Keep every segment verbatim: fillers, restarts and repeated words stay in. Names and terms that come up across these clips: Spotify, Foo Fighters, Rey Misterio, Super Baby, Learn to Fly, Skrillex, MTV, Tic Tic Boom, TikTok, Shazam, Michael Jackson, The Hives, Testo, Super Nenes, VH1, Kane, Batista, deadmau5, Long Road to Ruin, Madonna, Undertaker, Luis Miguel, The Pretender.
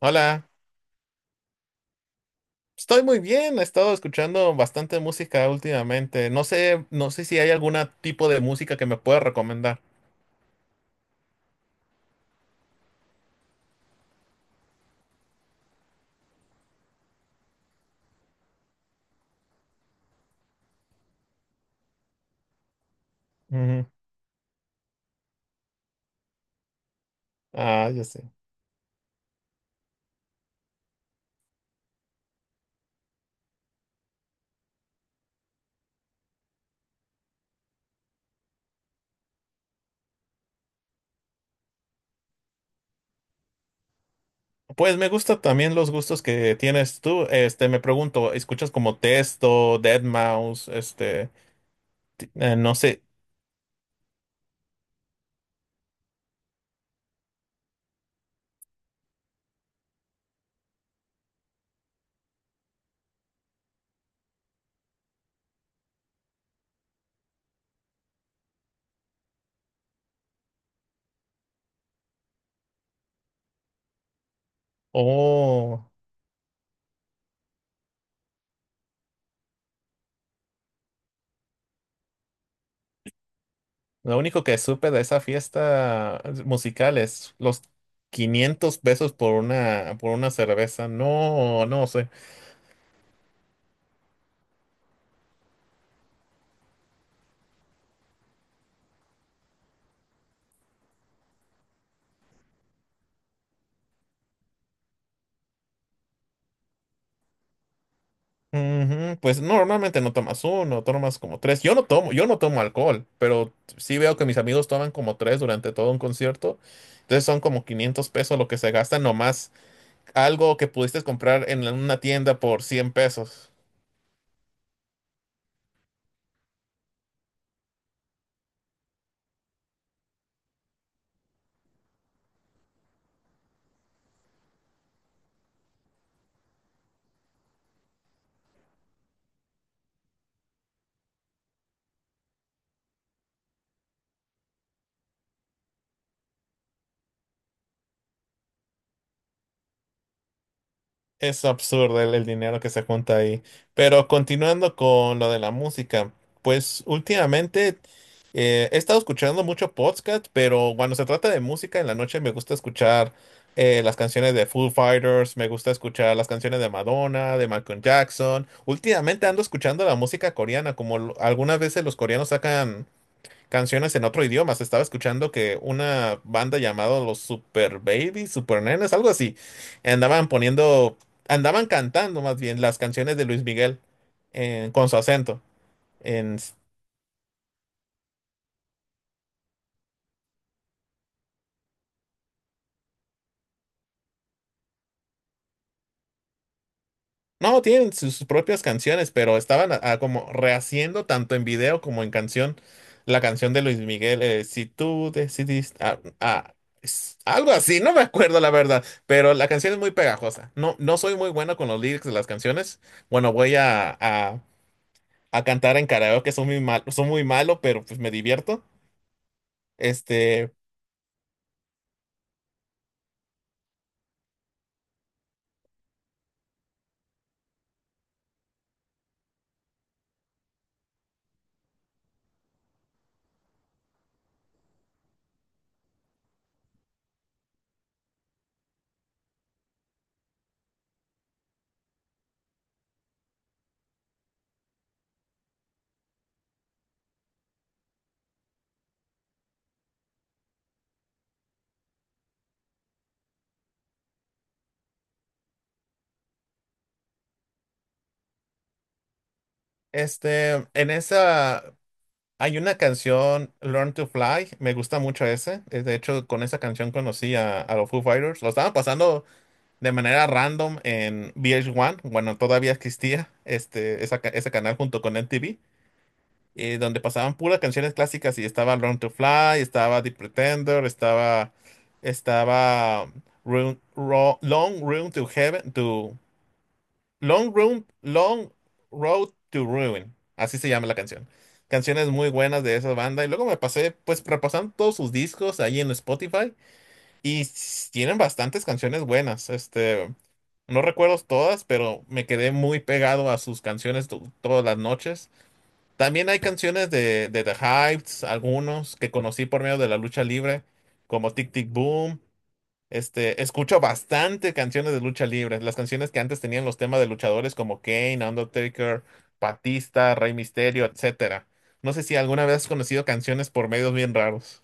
Hola, estoy muy bien, he estado escuchando bastante música últimamente. No sé, no sé si hay algún tipo de música que me pueda recomendar. Ujú. Ah, ya sé. Pues me gustan también los gustos que tienes tú. Este, me pregunto, ¿escuchas como Testo, dead mau cinco? Este, ti- eh, no sé. Oh, lo único que supe de esa fiesta musical es los quinientos pesos por una, por una cerveza. No, no sé. Ujú, pues no, normalmente no tomas uno, tomas como tres. Yo no tomo, yo no tomo alcohol, pero sí veo que mis amigos toman como tres durante todo un concierto. Entonces son como quinientos pesos lo que se gasta nomás algo que pudiste comprar en la- una tienda por cien pesos. Es absurdo el, el dinero que se junta ahí. Pero continuando con lo de la música, pues últimamente eh, he estado escuchando mucho podcast, pero cuando se trata de música en la noche me gusta escuchar eh, las canciones de Foo Fighters, me gusta escuchar las canciones de Madonna, de Michael Jackson. Últimamente ando escuchando la música coreana, como lo- algunas veces los coreanos sacan canciones en otro idioma. Se estaba escuchando que una banda llamada los Super Baby, Super Nenes, algo así, andaban poniendo, andaban cantando más bien las canciones de Luis Miguel en- con su acento en, No, tienen sus propias canciones, pero estaban a- a como rehaciendo tanto en video como en canción la canción de Luis Miguel, eh, si tú decidiste, ah, ah, es- algo así, no me acuerdo la verdad, pero la canción es muy pegajosa. No, no soy muy bueno con los lyrics de las canciones. Bueno, voy a, a- a cantar en karaoke, son muy mal, son muy malo, pero pues me divierto. Este, este, en esa Hay una canción, Learn to Fly, me gusta mucho ese. Eh, De hecho, con esa canción conocí a, a los Foo Fighters. Lo estaban pasando de manera random en V H uno, bueno, todavía existía este, esa ca- ese canal junto con M T V, eh, donde pasaban puras canciones clásicas y estaba Learn to Fly, estaba The Pretender, estaba, estaba Room- Ro- Long Room to Heaven, To Long Room, Long Road to Ruin. Así se llama la canción. Canciones muy buenas de esa banda. Y luego me pasé, pues, repasando todos sus discos ahí en Spotify. Y s- tienen bastantes canciones buenas. Este, no recuerdo todas, pero me quedé muy pegado a sus canciones to- todas las noches. También hay canciones de, de The Hives, algunos que conocí por medio de la lucha libre, como Tic Tic Boom. Este, escucho bastante canciones de lucha libre. Las canciones que antes tenían los temas de luchadores como Kane, Undertaker, Batista, Rey Misterio, etcétera. No sé si alguna vez has conocido canciones por medios bien raros.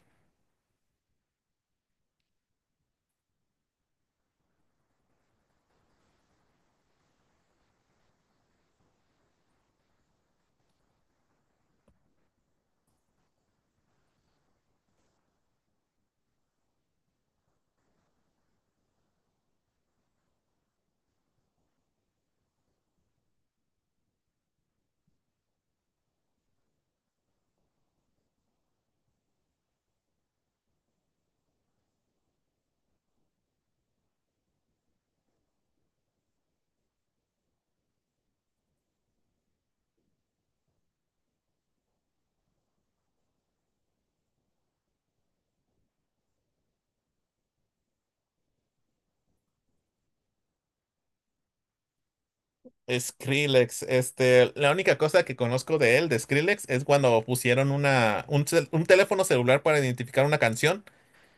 Skrillex, este, la única cosa que conozco de él, de Skrillex, es cuando pusieron una, un, cel- un teléfono celular para identificar una canción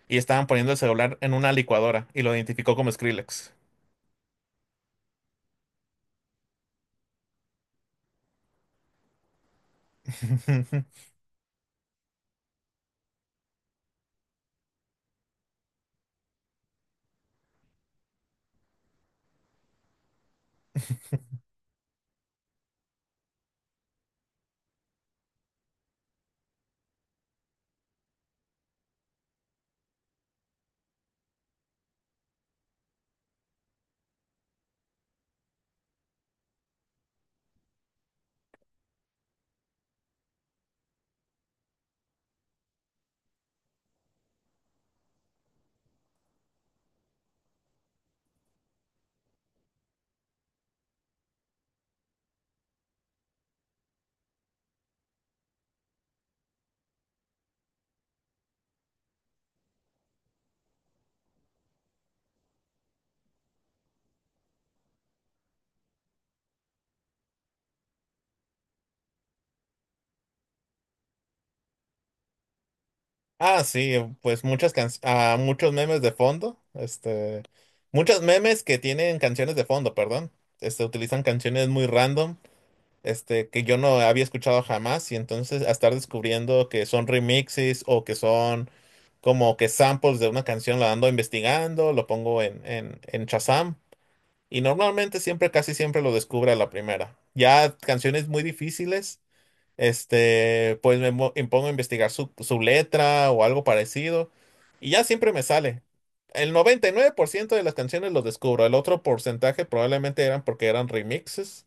y estaban poniendo el celular en una licuadora y lo identificó como Skrillex. Ah, sí, em, pues muchas can... ah, muchos memes de fondo, este, muchos memes que tienen canciones de fondo, perdón, este, utilizan canciones muy random, este, que yo no había escuchado jamás y entonces a estar descubriendo que son remixes o que son como que samples de una canción, la ando investigando, lo pongo en, en, en Shazam y normalmente siempre, casi siempre lo descubre a la primera. Ya canciones muy difíciles. Este, pues me mo- me pongo a investigar su, su letra o algo parecido y ya siempre me sale. El noventa y nueve por ciento de las canciones los descubro, el otro porcentaje probablemente eran porque eran remixes,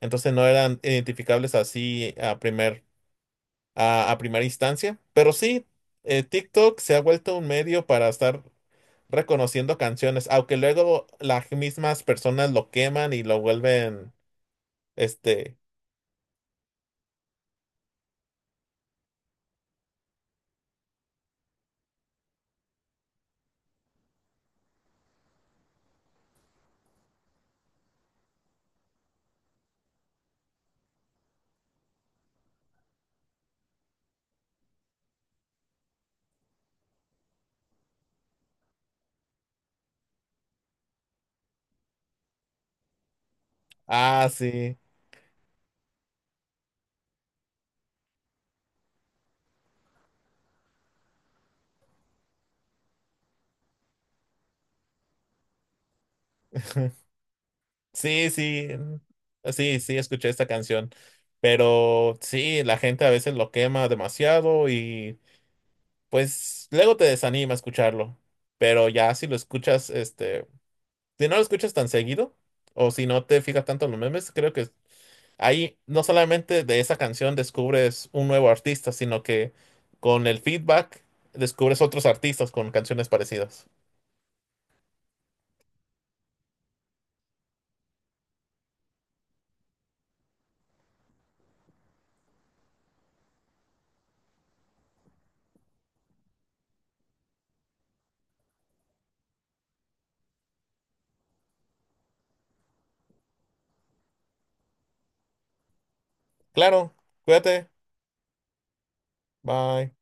entonces no eran identificables así a primer, a, a primera instancia. Pero sí, eh, TikTok se ha vuelto un medio para estar reconociendo canciones, aunque luego las mismas personas lo queman y lo vuelven. este, ah, sí. Sí, sí, sí, sí, escuché esta canción, pero sí, la gente a veces lo quema demasiado y pues luego te desanima escucharlo, pero ya si lo escuchas, este, si no lo escuchas tan seguido o si no te fijas tanto en los memes, creo que ahí no solamente de esa canción descubres un nuevo artista, sino que con el feedback descubres otros artistas con canciones parecidas. Claro, cuídate, bye.